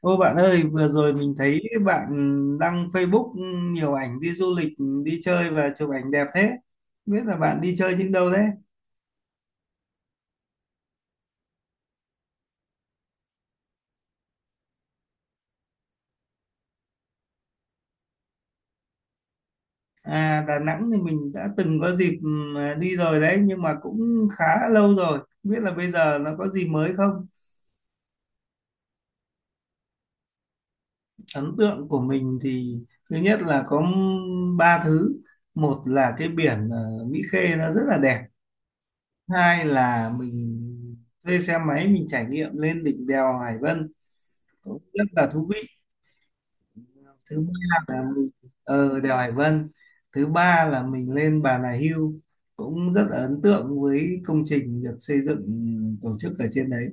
Ô bạn ơi, vừa rồi mình thấy bạn đăng Facebook, nhiều ảnh đi du lịch, đi chơi và chụp ảnh đẹp thế. Không biết là bạn đi chơi những đâu đấy? À, Đà Nẵng thì mình đã từng có dịp đi rồi đấy, nhưng mà cũng khá lâu rồi. Không biết là bây giờ nó có gì mới không? Ấn tượng của mình thì thứ nhất là có ba thứ. Một là cái biển Mỹ Khê nó rất là đẹp. Hai là mình thuê xe máy, mình trải nghiệm lên đỉnh đèo Hải Vân, cũng rất là thú vị. thứ ba là mình ờ đèo Hải Vân Thứ ba là mình lên Bà Nà Hưu, cũng rất là ấn tượng với công trình được xây dựng, tổ chức ở trên đấy.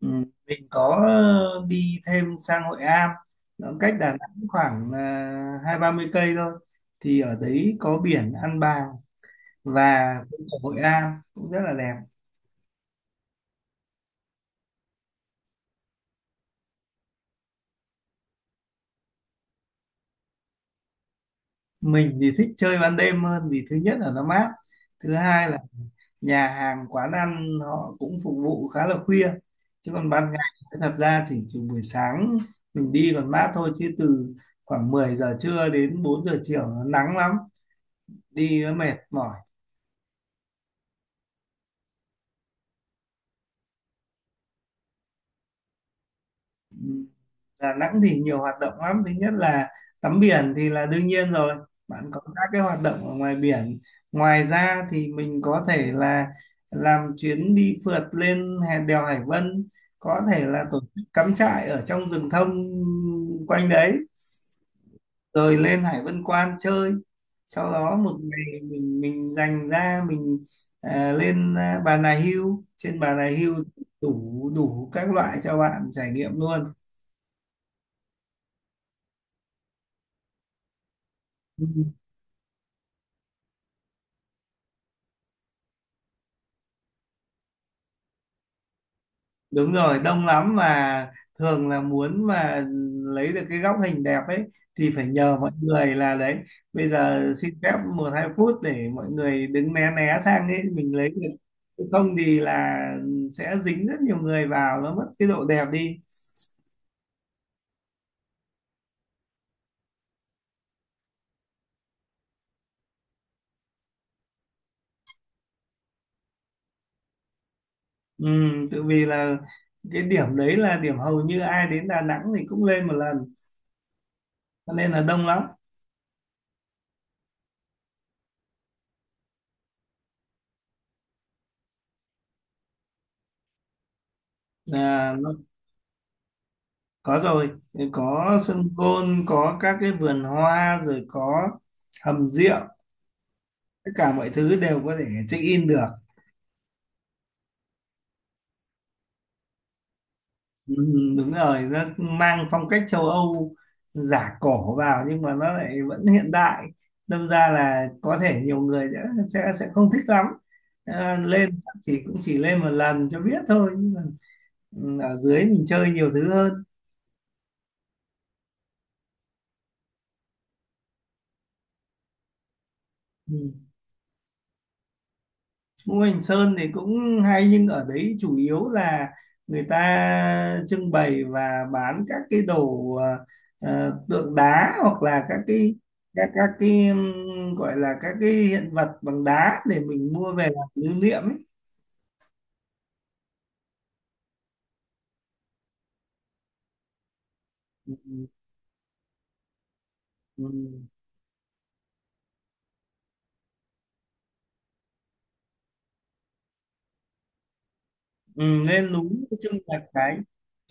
Ừ. Mình có đi thêm sang Hội Am, nó cách Đà Nẵng khoảng 20-30 cây thôi. Thì ở đấy có biển An Bàng và cũng có Hội Am cũng rất là đẹp. Mình thì thích chơi ban đêm hơn, vì thứ nhất là nó mát, thứ hai là nhà hàng quán ăn họ cũng phục vụ khá là khuya. Chứ còn ban ngày thật ra chỉ trừ buổi sáng mình đi còn mát thôi, chứ từ khoảng 10 giờ trưa đến 4 giờ chiều nó nắng lắm, đi nó mệt mỏi. Ừ, Đà Nẵng thì nhiều hoạt động lắm. Thứ nhất là tắm biển thì là đương nhiên rồi, bạn có các cái hoạt động ở ngoài biển. Ngoài ra thì mình có thể là làm chuyến đi phượt lên đèo Hải Vân, có thể là tổ chức cắm trại ở trong rừng thông quanh đấy, rồi lên Hải Vân Quan chơi. Sau đó một ngày mình dành ra mình lên Bà Nà Hưu, trên Bà Nà Hưu đủ đủ các loại cho bạn trải nghiệm luôn. Đúng rồi, đông lắm mà, thường là muốn mà lấy được cái góc hình đẹp ấy thì phải nhờ mọi người, là đấy, bây giờ xin phép 1, 2 phút để mọi người đứng né né sang ấy mình lấy được. Chứ không thì là sẽ dính rất nhiều người vào, nó mất cái độ đẹp đi. Ừ, tự vì là cái điểm đấy là điểm hầu như ai đến Đà Nẵng thì cũng lên một lần, cho nên là đông lắm. Nó có rồi, có sân gôn, có các cái vườn hoa, rồi có hầm rượu, tất cả mọi thứ đều có thể check in được. Ừ, đúng rồi, nó mang phong cách châu Âu giả cổ vào nhưng mà nó lại vẫn hiện đại, đâm ra là có thể nhiều người sẽ sẽ không thích lắm. Lên chắc chỉ cũng chỉ lên một lần cho biết thôi, nhưng mà ừ, ở dưới mình chơi nhiều thứ hơn. Ừ. Ngũ Hành Sơn thì cũng hay, nhưng ở đấy chủ yếu là người ta trưng bày và bán các cái đồ tượng đá, hoặc là các cái gọi là các cái hiện vật bằng đá để mình mua về làm lưu niệm ấy. Ừ. Ừ, lên núi, nói chung là cái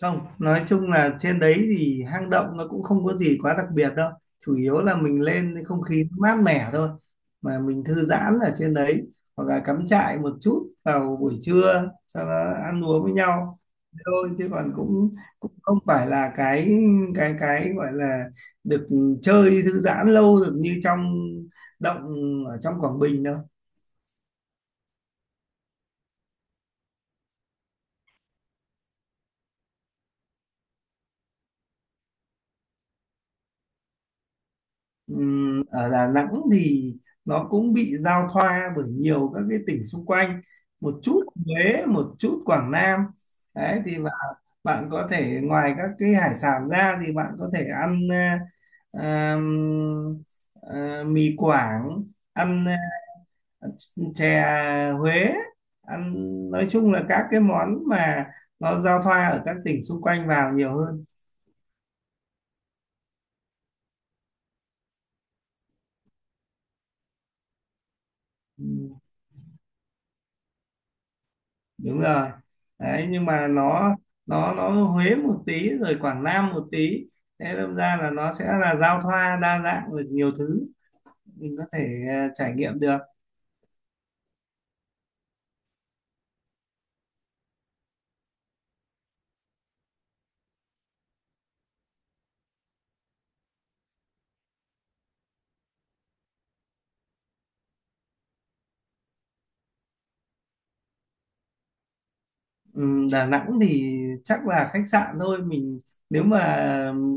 không, nói chung là trên đấy thì hang động nó cũng không có gì quá đặc biệt đâu. Chủ yếu là mình lên thì không khí nó mát mẻ thôi, mà mình thư giãn ở trên đấy, hoặc là cắm trại một chút vào buổi trưa cho nó ăn uống với nhau thôi. Chứ còn cũng cũng không phải là cái gọi là được chơi thư giãn lâu được như trong động ở trong Quảng Bình đâu. Ở Đà Nẵng thì nó cũng bị giao thoa bởi nhiều các cái tỉnh xung quanh, một chút Huế, một chút Quảng Nam. Đấy thì bạn bạn có thể ngoài các cái hải sản ra thì bạn có thể ăn ừm, mì Quảng, ăn à, chè Huế, ăn nói chung là các cái món mà nó giao thoa ở các tỉnh xung quanh vào nhiều hơn. Đúng rồi đấy, nhưng mà nó Huế một tí rồi Quảng Nam một tí, thế đâm ra là nó sẽ là giao thoa đa dạng được nhiều thứ, mình có thể trải nghiệm được. Đà Nẵng thì chắc là khách sạn thôi. Mình nếu mà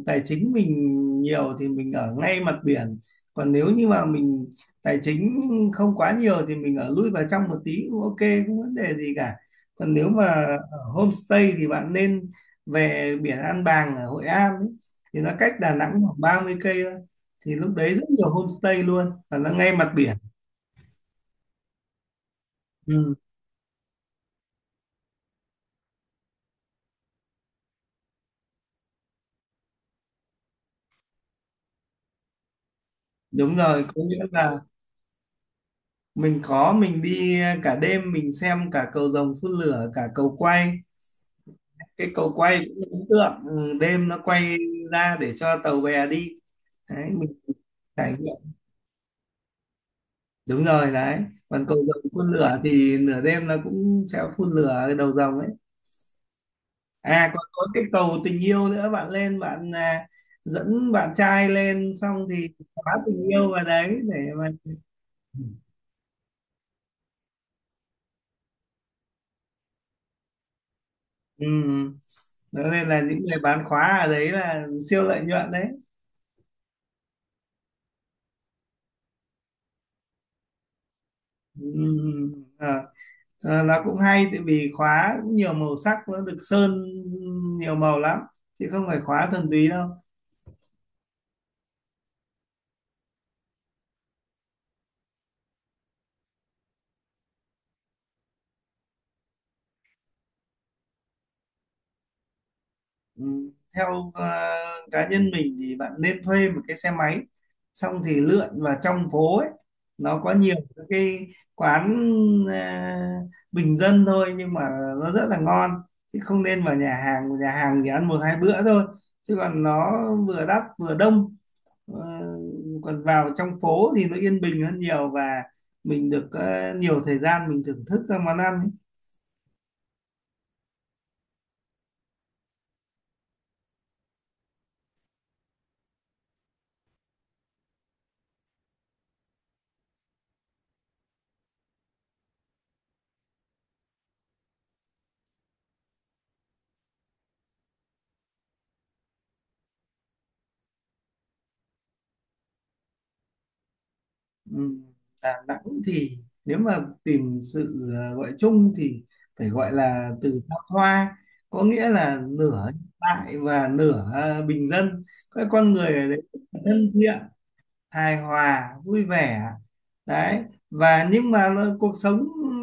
tài chính mình nhiều thì mình ở ngay mặt biển, còn nếu như mà mình tài chính không quá nhiều thì mình ở lui vào trong một tí cũng ok, không vấn đề gì cả. Còn nếu mà ở homestay thì bạn nên về biển An Bàng ở Hội An ấy, thì nó cách Đà Nẵng khoảng 30 cây thôi. Thì lúc đấy rất nhiều homestay luôn và nó ngay mặt biển. Ừ, đúng rồi, có nghĩa là mình đi cả đêm, mình xem cả cầu rồng phun lửa, cả cầu quay. Cái cầu quay cũng ấn tượng, ừ, đêm nó quay ra để cho tàu bè đi, đấy mình trải nghiệm. Đúng rồi đấy, còn cầu rồng phun lửa thì nửa đêm nó cũng sẽ phun lửa cái đầu rồng ấy. À còn có cái cầu tình yêu nữa, bạn lên, dẫn bạn trai lên xong thì khóa tình yêu vào đấy để mà. Ừ. Đó nên là những người bán khóa ở đấy là siêu lợi nhuận đấy. Ừm, à, là cũng hay tại vì khóa cũng nhiều màu sắc, nó được sơn nhiều màu lắm chứ không phải khóa thuần túy đâu. Ừ, theo cá nhân mình thì bạn nên thuê một cái xe máy, xong thì lượn vào trong phố ấy, nó có nhiều các cái quán ờ, bình dân thôi nhưng mà nó rất là ngon. Chứ không nên vào nhà hàng, nhà hàng thì ăn 1, 2 bữa thôi chứ còn nó vừa đắt vừa đông. Ờ, còn vào trong phố thì nó yên bình hơn nhiều, và mình được nhiều thời gian mình thưởng thức các món ăn. Ừm, Đà Nẵng thì nếu mà tìm sự gọi chung thì phải gọi là từ thăng hoa, có nghĩa là nửa hiện đại và nửa bình dân. Các con người ở đấy rất là thân thiện, hài hòa, vui vẻ đấy. Và nhưng mà cuộc sống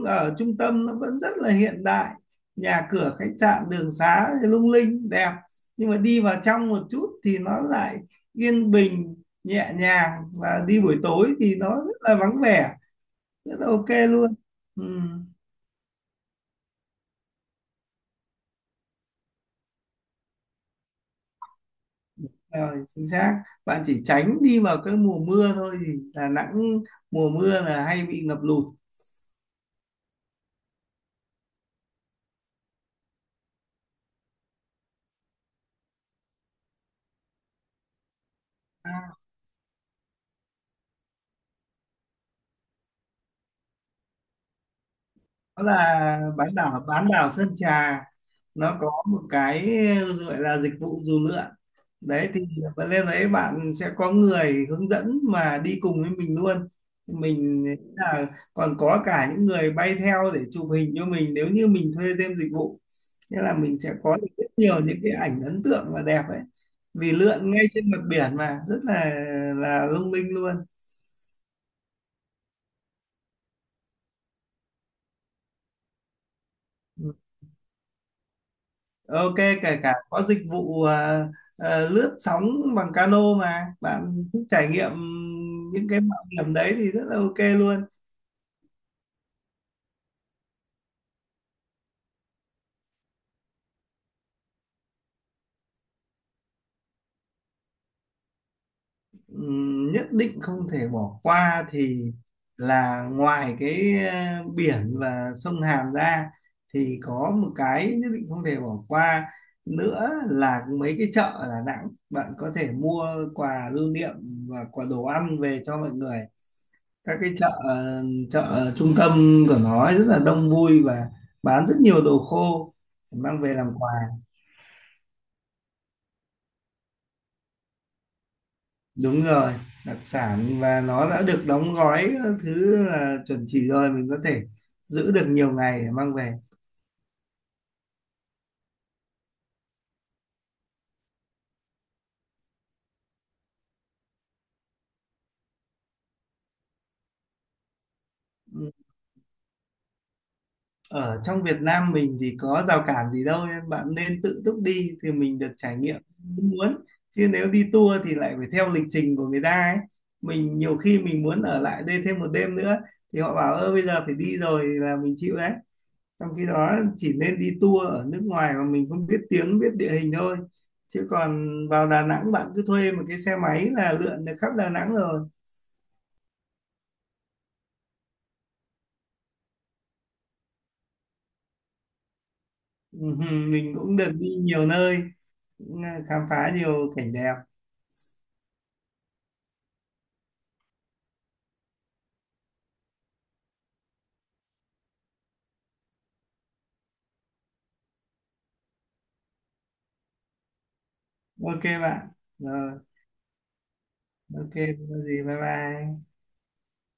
ở trung tâm nó vẫn rất là hiện đại, nhà cửa khách sạn đường xá thì lung linh đẹp, nhưng mà đi vào trong một chút thì nó lại yên bình, nhẹ nhàng, và đi buổi tối thì nó rất là vắng vẻ, rất là ok luôn. Ừ, rồi, chính xác. Bạn chỉ tránh đi vào cái mùa mưa thôi thì Đà Nẵng mùa mưa là hay bị ngập lụt. À, đó là bán đảo Sơn Trà, nó có một cái gọi là dịch vụ dù lượn. Đấy thì bạn lên đấy bạn sẽ có người hướng dẫn mà đi cùng với mình luôn. Mình là Còn có cả những người bay theo để chụp hình cho mình, nếu như mình thuê thêm dịch vụ, nghĩa là mình sẽ có được rất nhiều những cái ảnh ấn tượng và đẹp ấy. Vì lượn ngay trên mặt biển mà rất là lung linh luôn. Ok, kể cả có dịch vụ lướt sóng bằng cano mà bạn thích trải nghiệm những cái mạo hiểm đấy thì rất là ok luôn. Nhất định không thể bỏ qua thì là ngoài cái biển và sông Hàn ra, thì có một cái nhất định không thể bỏ qua nữa là mấy cái chợ ở Đà Nẵng, bạn có thể mua quà lưu niệm và quà đồ ăn về cho mọi người. Các cái chợ chợ trung tâm của nó ấy rất là đông vui và bán rất nhiều đồ khô để mang về làm quà. Đúng rồi, đặc sản, và nó đã được đóng gói các thứ là chuẩn chỉ rồi, mình có thể giữ được nhiều ngày để mang về. Ở trong Việt Nam mình thì có rào cản gì đâu, nên bạn nên tự túc đi thì mình được trải nghiệm như muốn. Chứ nếu đi tour thì lại phải theo lịch trình của người ta ấy, mình nhiều khi mình muốn ở lại đây thêm một đêm nữa thì họ bảo ơ bây giờ phải đi rồi là mình chịu đấy. Trong khi đó chỉ nên đi tour ở nước ngoài mà mình không biết tiếng, biết địa hình thôi. Chứ còn vào Đà Nẵng bạn cứ thuê một cái xe máy là lượn được khắp Đà Nẵng rồi. Mình cũng được đi nhiều nơi, khám phá nhiều cảnh đẹp. Ok bạn. Rồi. Ok, không có gì, bye bye.